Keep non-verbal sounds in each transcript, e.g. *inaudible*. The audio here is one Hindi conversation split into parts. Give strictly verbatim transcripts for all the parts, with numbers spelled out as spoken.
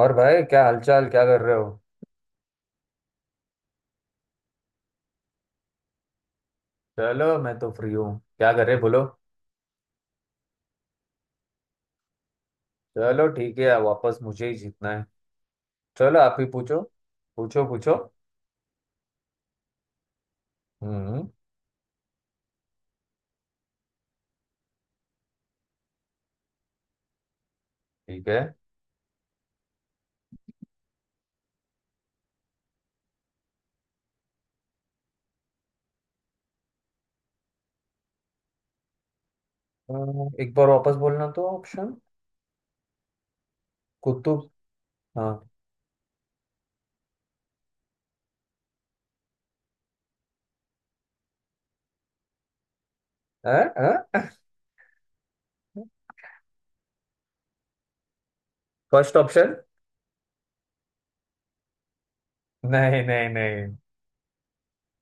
और भाई, क्या हालचाल? क्या कर रहे हो? चलो, मैं तो फ्री हूँ। क्या कर रहे बोलो। चलो ठीक है, वापस मुझे ही जीतना है। चलो, आप ही पूछो। पूछो पूछो। हम्म। ठीक है। अम, एक बार वापस बोलना तो ऑप्शन। कुतुब। हाँ। है। First option. नहीं नहीं नहीं।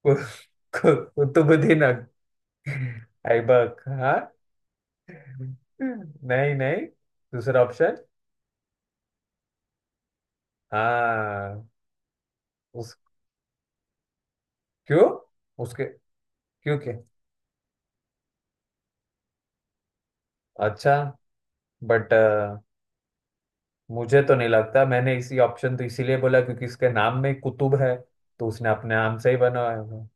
कु- कु- कुतुबुद्दीन अक- ऐबक, हाँ। नहीं नहीं। दूसरा ऑप्शन। हाँ। उस क्यों? उसके क्यों के अच्छा। बट मुझे तो नहीं लगता, मैंने इसी ऑप्शन तो इसीलिए बोला क्योंकि इसके नाम में कुतुब है। तो उसने अपने नाम से ही बनाया है।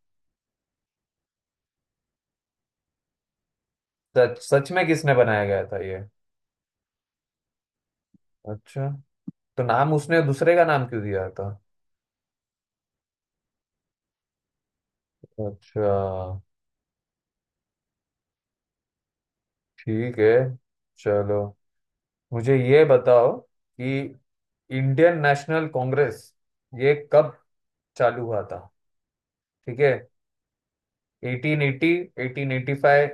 सच सच में किसने बनाया गया था ये? अच्छा, तो नाम उसने दूसरे का नाम क्यों दिया था? अच्छा। ठीक है। चलो, मुझे ये बताओ कि इंडियन नेशनल कांग्रेस ये कब चालू हुआ था? ठीक है। Eighteen eighty, eighteen eighty five,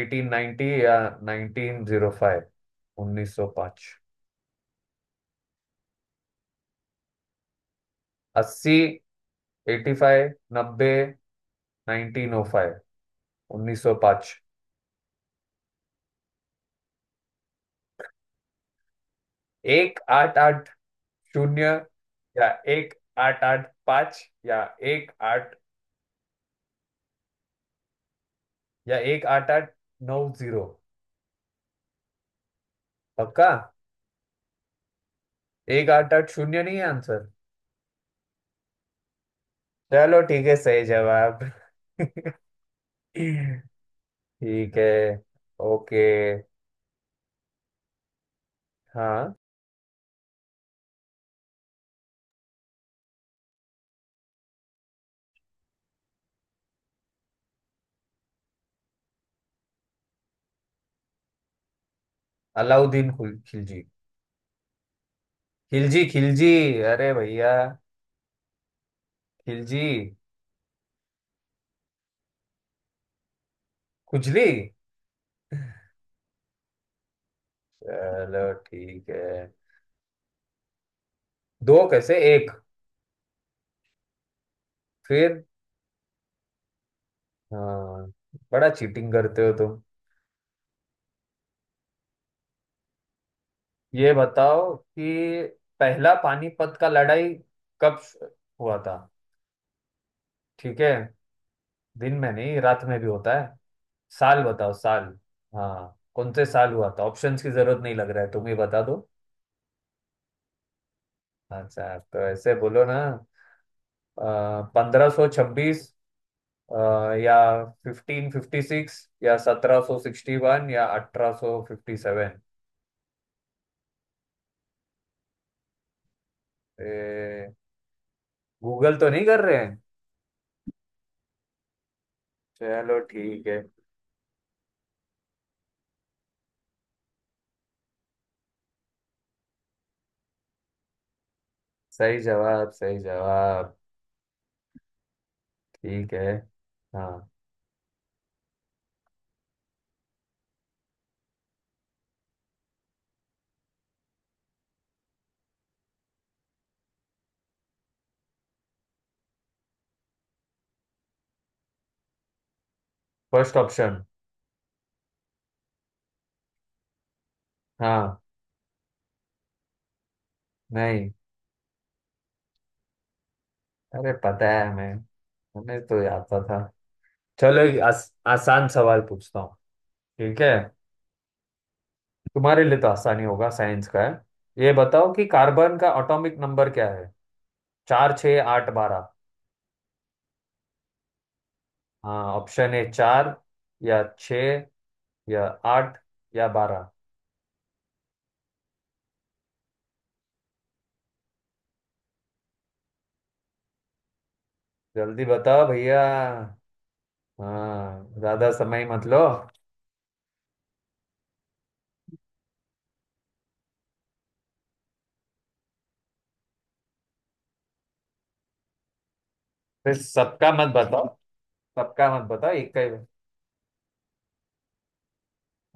eighteen ninety या उन्नीस सौ पाँच। उन्नीस सौ पाँच। अस्सी, एटी फाइव, नब्बे, नाइनटीन ओ फाइव। उन्नीस सौ पाँच। एक आठ आठ शून्य या एक आठ आठ पाँच या एक आठ या एक आठ आठ नौ जीरो। पक्का। एक आठ आठ शून्य नहीं है आंसर। चलो ठीक है, सही जवाब। *laughs* ठीक है। ओके। हाँ। अलाउद्दीन खुल- खिलजी। खिलजी खिलजी। अरे भैया! खिलजी। खुजली। चलो ठीक है। दो कैसे, एक? फिर? हाँ। बड़ा चीटिंग करते हो तुम। ये बताओ कि पहला पानीपत का लड़ाई कब श- हुआ था? ठीक है। दिन में नहीं, रात में भी होता है। साल बताओ, साल। हाँ, कौन से साल हुआ था? ऑप्शंस की जरूरत नहीं लग रहा है, तुम ही बता दो। अच्छा, तो ऐसे बोलो ना। पंद्रह सौ छब्बीस या फिफ्टीन फिफ्टी सिक्स या सत्रह सौ सिक्सटी वन या अठारह सौ फिफ्टी सेवन। गूगल तो नहीं कर रहे हैं? चलो ठीक है। सही जवाब, सही जवाब। ठीक है। हाँ। First option. हाँ। नहीं। अरे, पता है हमें। हमें तो आता था। चलो, एक आस, आसान सवाल पूछता हूँ। ठीक है। तुम्हारे लिए तो आसानी होगा, साइंस का है। ये बताओ कि कार्बन का एटॉमिक नंबर क्या है? चार, छः, आठ, बारह। हाँ, ऑप्शन है चार या छः या आठ या बारह। जल्दी बताओ भैया। हाँ, ज्यादा समय मत लो। फिर सबका मत बताओ। सबका मत बताओ, एक का ही।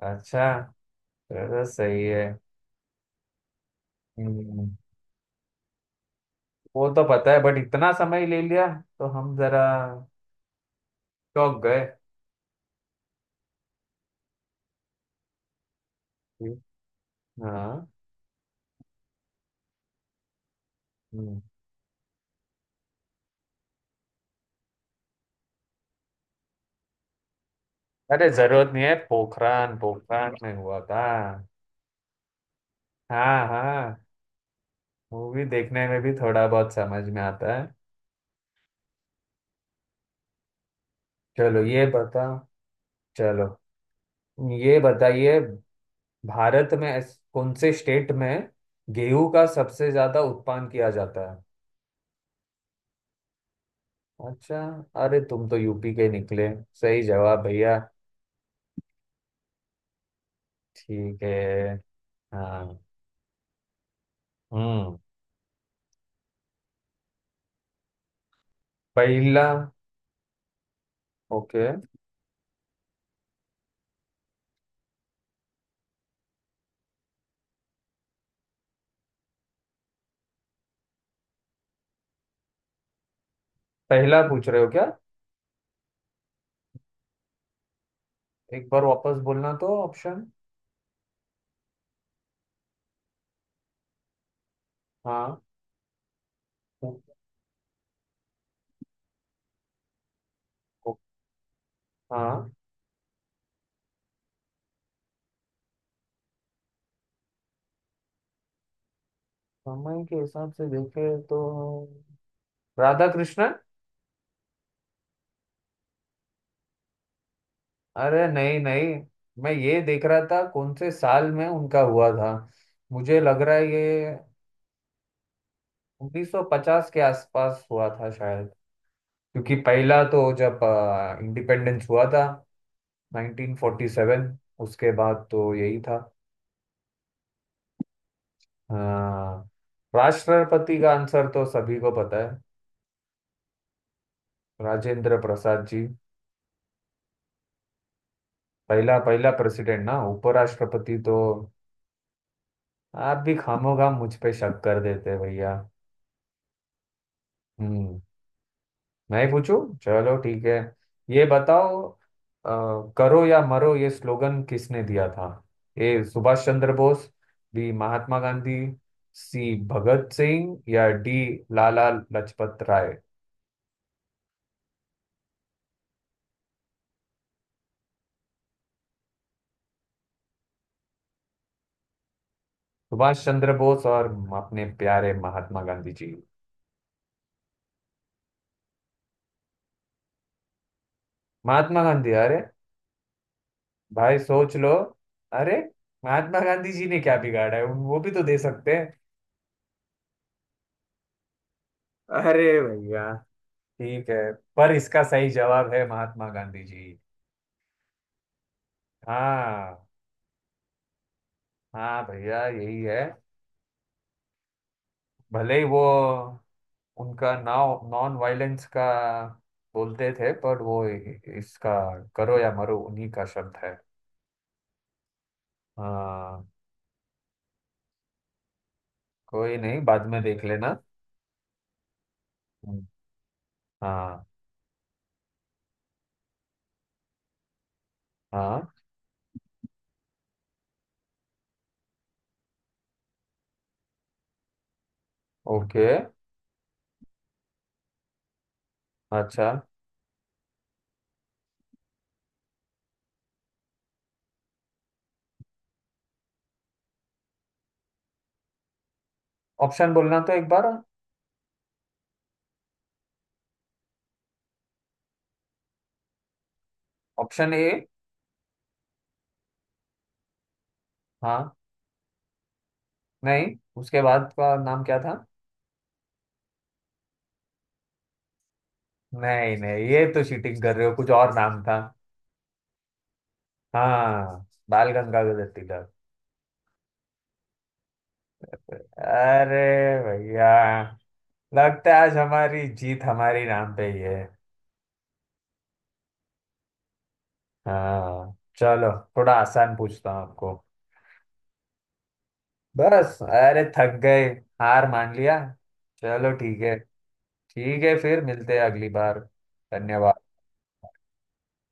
अच्छा, चलो, सही है। हम्म। वो तो पता है, बट इतना समय ले लिया तो हम जरा चौंक गए। हाँ। हम्म। अरे, जरूरत नहीं है, पोखरान पोखरान में हुआ था। हाँ हाँ। मूवी देखने में भी थोड़ा बहुत समझ में आता है। चलो ये बता चलो ये बताइए, भारत में ऐस- कौन से स्टेट में गेहूं का सबसे ज्यादा उत्पादन किया जाता है? अच्छा, अरे तुम तो यूपी के निकले। सही जवाब भैया। ठीक है। हाँ। हम्म। पहला? ओके। पहला पूछ रहे हो क्या? एक बार वापस बोलना तो ऑप्शन। हाँ। ओ- ओ- हाँ, समय के हिसाब से देखे तो राधा कृष्ण। अरे नहीं नहीं, मैं ये देख रहा था कौन से साल में उनका हुआ था। मुझे लग रहा है ये उन्नीस सौ पचास के आसपास हुआ था शायद। क्योंकि पहला तो जब इंडिपेंडेंस हुआ था, नाइनटीन फोर्टी सेवन। उसके बाद तो यही था। अ, राष्ट्रपति का आंसर तो सभी को पता है। राजेंद्र प्रसाद जी। पहला पहला प्रेसिडेंट ना, उपराष्ट्रपति तो। आप भी खामोखाम मुझ पे शक कर देते हैं भैया। हम्म। मैं ही पूछूं? चलो ठीक है। ये बताओ, अ, करो या मरो ये स्लोगन किसने दिया था? A, Subhash Chandra Bose. B, Mahatma Gandhi. C, Bhagat Singh. या डी, लाला लजपत राय। सुभाष चंद्र बोस और अपने प्यारे महात्मा गांधी जी। महात्मा गांधी, अरे भाई, सोच लो। अरे, महात्मा गांधी जी ने क्या बिगाड़ा है? वो भी तो दे सकते हैं। अरे भैया। ठीक है, पर इसका सही जवाब है, महात्मा गांधी जी। हाँ। हाँ भैया, यही है। भले ही वो उनका नाव नॉन वायलेंस का बोलते थे, पर वो इ- इसका करो या मरो उन्हीं का शब्द है। हाँ। कोई नहीं, बाद में देख लेना। हम्म। हाँ। हाँ। ओके। अच्छा। ऑप्शन बोलना तो एक बार। Option A. हाँ। नहीं, उसके बाद का नाम क्या था? नहीं नहीं, ये तो चीटिंग कर रहे हो, कुछ और नाम था। हाँ, बाल गंगाधर तिलक। अरे भैया, लगता है आज हमारी जीत हमारी नाम पे ही है। हाँ चलो। थोड़ा आसान पूछता हूँ आपको। बस। अरे थक गए, हार मान लिया। चलो ठीक है। ठीक है, फिर मिलते हैं अगली बार। धन्यवाद।